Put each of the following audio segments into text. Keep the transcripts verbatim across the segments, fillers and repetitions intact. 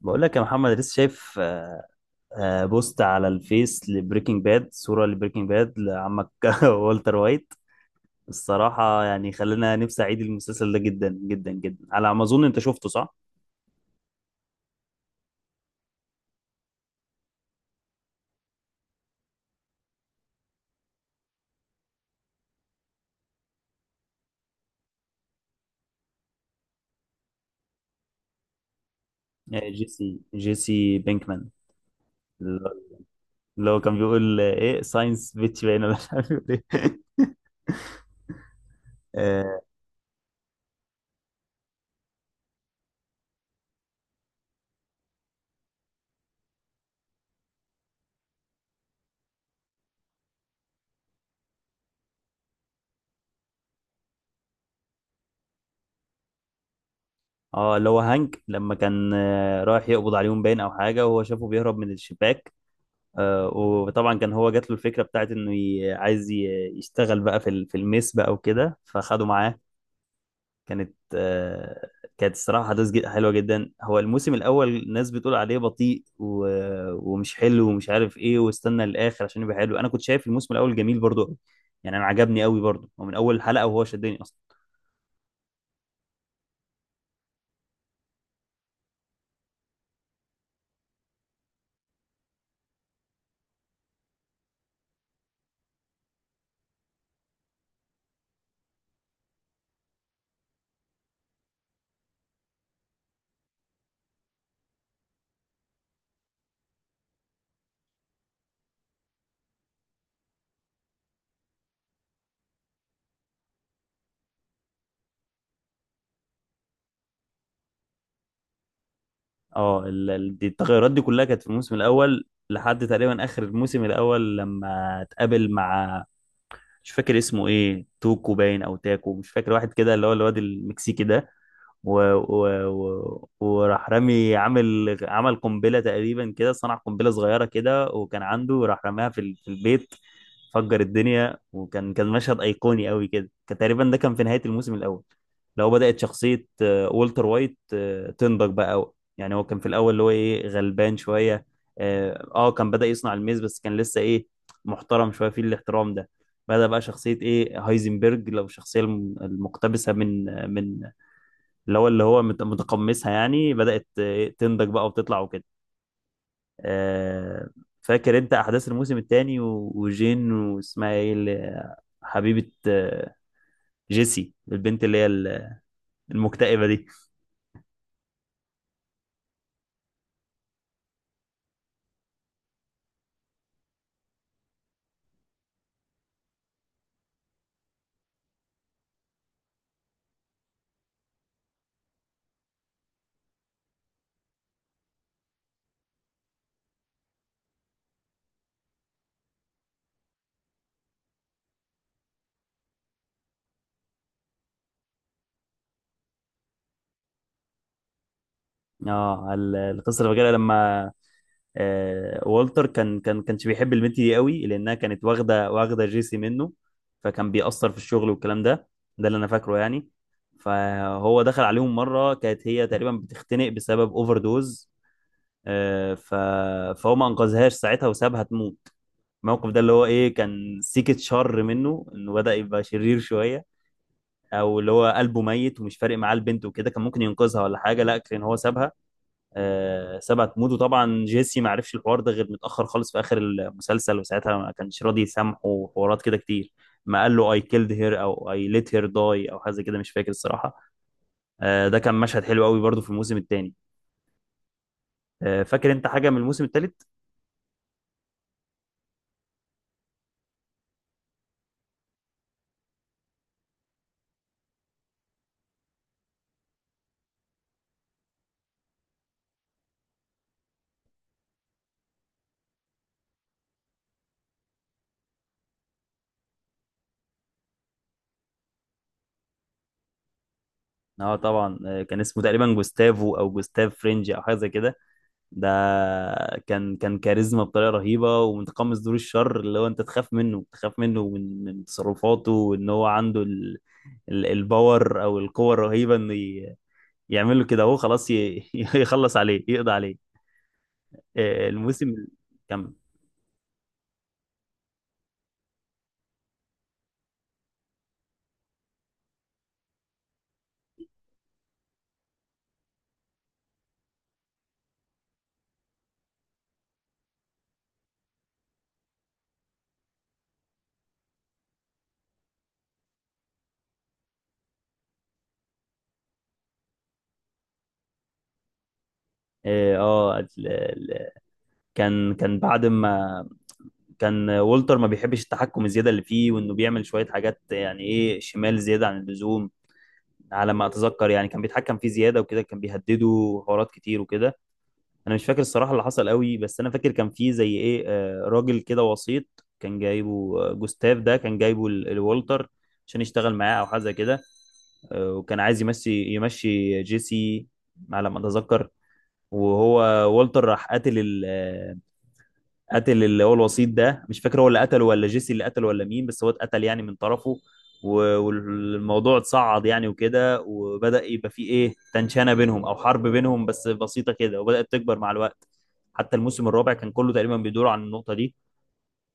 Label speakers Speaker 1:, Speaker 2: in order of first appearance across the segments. Speaker 1: بقول لك يا محمد لسه شايف آه، آه، بوست على الفيس لبريكنج باد، صورة لبريكنج باد لعمك والتر وايت. الصراحة يعني خلينا نفسي أعيد المسلسل ده جدا جدا جدا. على ما أظن أنت شفته، صح؟ آه، جيسي، جيسي بينكمان اللي هو كان بيقول آه، إيه ساينس بيتش باين، ولا مش عارف بيقول إيه. آه آه، اللي هو هانك لما كان آه، رايح يقبض عليهم باين أو حاجة، وهو شافه بيهرب من الشباك. آه، وطبعا كان هو جات له الفكره بتاعت انه ي- عايز ي- يشتغل بقى في ال- في الميس بقى وكده، فخده معاه. كانت آه، كانت الصراحه حدث جد- حلوه جدا. هو الموسم الاول الناس بتقول عليه بطيء و- ومش حلو ومش عارف ايه، واستنى للاخر عشان يبقى حلو. انا كنت شايف الموسم الاول جميل برضو قوي، يعني انا عجبني قوي برضو، ومن اول حلقه وهو شدني اصلا. اه، ال- ال- دي التغيرات دي كلها كانت في الموسم الاول، لحد تقريبا اخر الموسم الاول لما اتقابل مع، مش فاكر اسمه ايه، توكو باين او تاكو مش فاكر، واحد كده اللي هو الواد المكسيكي ده. و... و... و... وراح رامي عامل، عمل قنبله تقريبا كده، صنع قنبله صغيره كده وكان عنده، راح رماها في ال- في البيت، فجر الدنيا. وكان كان مشهد ايقوني قوي كده، كان تقريبا ده كان في نهايه الموسم الاول. لو بدات شخصيه آه، والتر وايت آه، تنضج بقى أوي. يعني هو كان في الاول اللي هو ايه، غلبان شويه. اه، آه، كان بدا يصنع الميز، بس كان لسه ايه، محترم شويه في الاحترام ده. بدأ بقى شخصية إيه، هايزنبرج، لو الشخصية الم- المقتبسة من آه، من اللي هو اللي هو مت- متقمصها يعني بدأت آه، تنضج بقى وتطلع وكده. آه، فاكر انت احداث الموسم الثاني، وجين واسمها ايه اللي حبيبة آه، جيسي، البنت اللي هي ال- المكتئبة دي؟ اه، ال- القصة اللي فاكرها لما آه، والتر كان كان كانش بيحب البنت دي قوي لانها كانت واخدة واخدة جيسي منه، فكان بيأثر في الشغل والكلام ده. ده اللي انا فاكره يعني. فهو دخل عليهم مرة، كانت هي تقريبا بتختنق بسبب اوفر دوز. آه، ف... فهو ما انقذهاش ساعتها، وسابها تموت. الموقف ده اللي هو ايه، كان سيكة شر منه، انه بدأ يبقى شرير شوية. او اللي هو قلبه ميت ومش فارق معاه البنت وكده، كان ممكن ينقذها ولا حاجة، لا كان هو سابها، آه، سابها تموت. وطبعا جيسي ما عرفش الحوار ده غير متأخر خالص في آخر المسلسل، وساعتها ما كانش راضي يسامحه، وحوارات كده كتير. ما قال له I killed her او I let her die او حاجة زي كده، مش فاكر الصراحة. آه، ده كان مشهد حلو قوي برضو في الموسم الثاني. آه، فاكر انت حاجة من الموسم الثالث؟ اه طبعا، آه، كان اسمه تقريبا جوستافو او جوستاف فرنج او حاجه زي كده. ده كان كان كاريزما بطريقه رهيبه، ومتقمص دور الشر اللي هو انت تخاف منه، تخاف منه من من تصرفاته، وان هو عنده ال... ال... الباور او القوه الرهيبه انه ي... يعمل له كده، هو خلاص ي... يخلص عليه، يقضي عليه. آه، الموسم ال- كم؟ اه، آه، ال- ال- كان كان بعد ما كان والتر ما بيحبش التحكم الزياده اللي فيه، وانه بيعمل شويه حاجات يعني ايه، شمال زياده عن اللزوم. على ما اتذكر يعني كان بيتحكم فيه زياده وكده، كان بيهدده حوارات كتير وكده. انا مش فاكر الصراحه اللي حصل قوي، بس انا فاكر كان فيه زي ايه آه، راجل كده وسيط، كان جايبه آه، جوستاف، ده كان جايبه ال- الوالتر عشان يشتغل معاه او حاجه زي كده. آه، وكان عايز يمشي، يمشي جيسي على ما اتذكر. وهو والتر راح قاتل، قتل اللي هو الوسيط ده، مش فاكر هو اللي قتله ولا جيسي اللي قتله ولا مين، بس هو اتقتل يعني من طرفه. و- والموضوع اتصعد يعني وكده، وبدأ يبقى فيه ايه، تنشانة بينهم او حرب بينهم بس بسيطة كده، وبدأت تكبر مع الوقت. حتى الموسم الرابع كان كله تقريبا بيدور عن النقطة دي.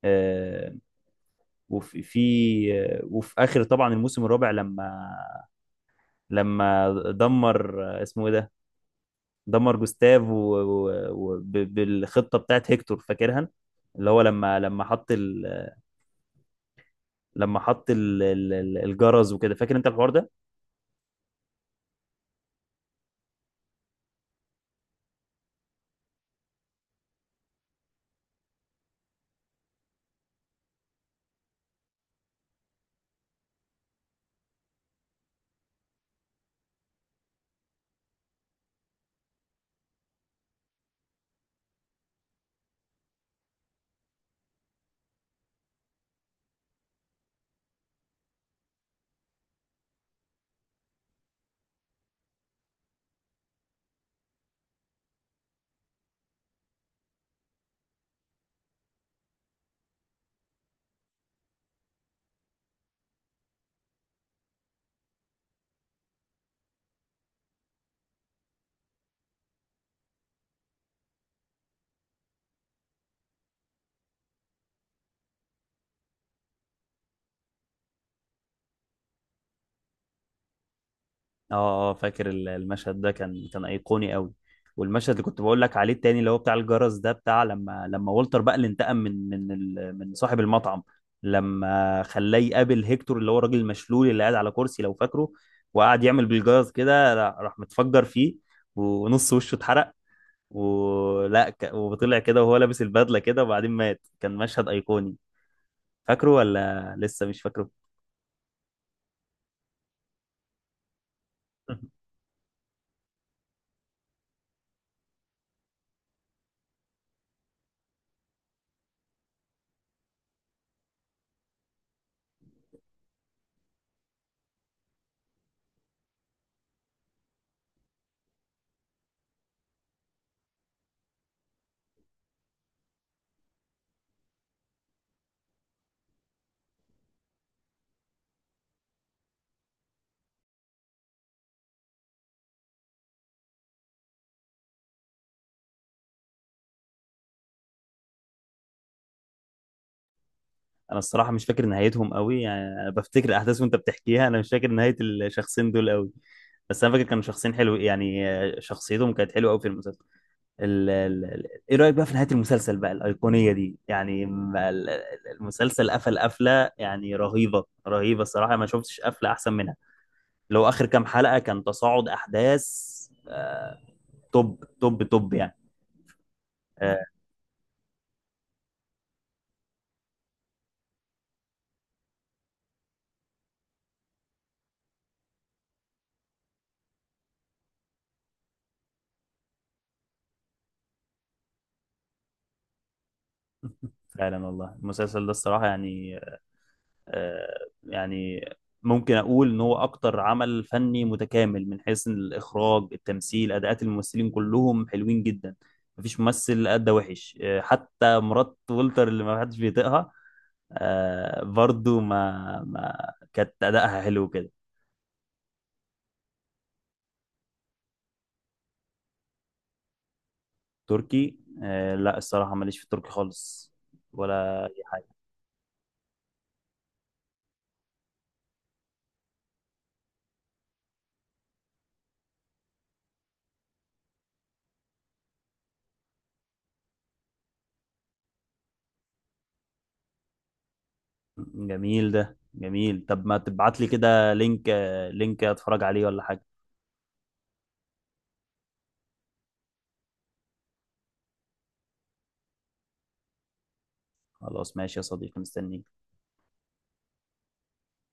Speaker 1: آه، وفي في آه، وفي اخر طبعا الموسم الرابع، لما لما دمر آه، اسمه ايه ده، دمر جوستاف و... و... و... ب- بالخطة بتاعت هيكتور، فاكرها؟ اللي هو لما لما حط ال... لما حط ال- ال- ال- الجرس وكده، فاكر انت الحوار ده؟ اه اه، فاكر ال- المشهد ده كان كان ايقوني قوي. والمشهد اللي كنت بقول لك عليه التاني اللي هو بتاع الجرس ده، بتاع لما لما والتر بقى اللي انتقم من من ال- من صاحب المطعم، لما خلاه يقابل هيكتور اللي هو الراجل المشلول اللي قاعد على كرسي، لو فاكره. وقعد يعمل بالجرس كده، را- راح متفجر فيه، ونص وشه اتحرق، ولا ك... وطلع كده وهو لابس البدلة كده وبعدين مات. كان مشهد ايقوني، فاكره ولا لسه مش فاكره؟ انا الصراحه مش فاكر نهايتهم قوي يعني، انا بفتكر الاحداث وانت بتحكيها، انا مش فاكر نهايه الشخصين دول قوي. بس انا فاكر كانوا شخصين حلو يعني، آه، شخصيتهم كانت حلوه قوي في المسلسل. ال... ال... ال- ايه رايك بقى في نهايه المسلسل بقى الايقونيه دي؟ يعني ما ال- ال- المسلسل قفل قفله يعني رهيبه، رهيبه الصراحه ما شفتش قفله احسن منها. لو اخر كام حلقه كان تصاعد احداث، آه، توب توب توب يعني. آه، فعلا والله المسلسل ده الصراحه يعني، آه، يعني ممكن اقول ان هو اكتر عمل فني متكامل، من حيث الاخراج، التمثيل، اداءات الممثلين كلهم حلوين جدا. مفيش ممثل ادى وحش، آه، حتى مرات ولتر اللي ما حدش بيطيقها آه، برضو ما ما كانت ادائها حلو كده. تركي؟ آه، لا الصراحة ماليش في التركي خالص ولا اي حاجة. جميل ده جميل، طب ما تبعت لي كده لينك، آه، لينك اتفرج عليه ولا حاجة. خلاص ماشي يا صديقي، مستنيك.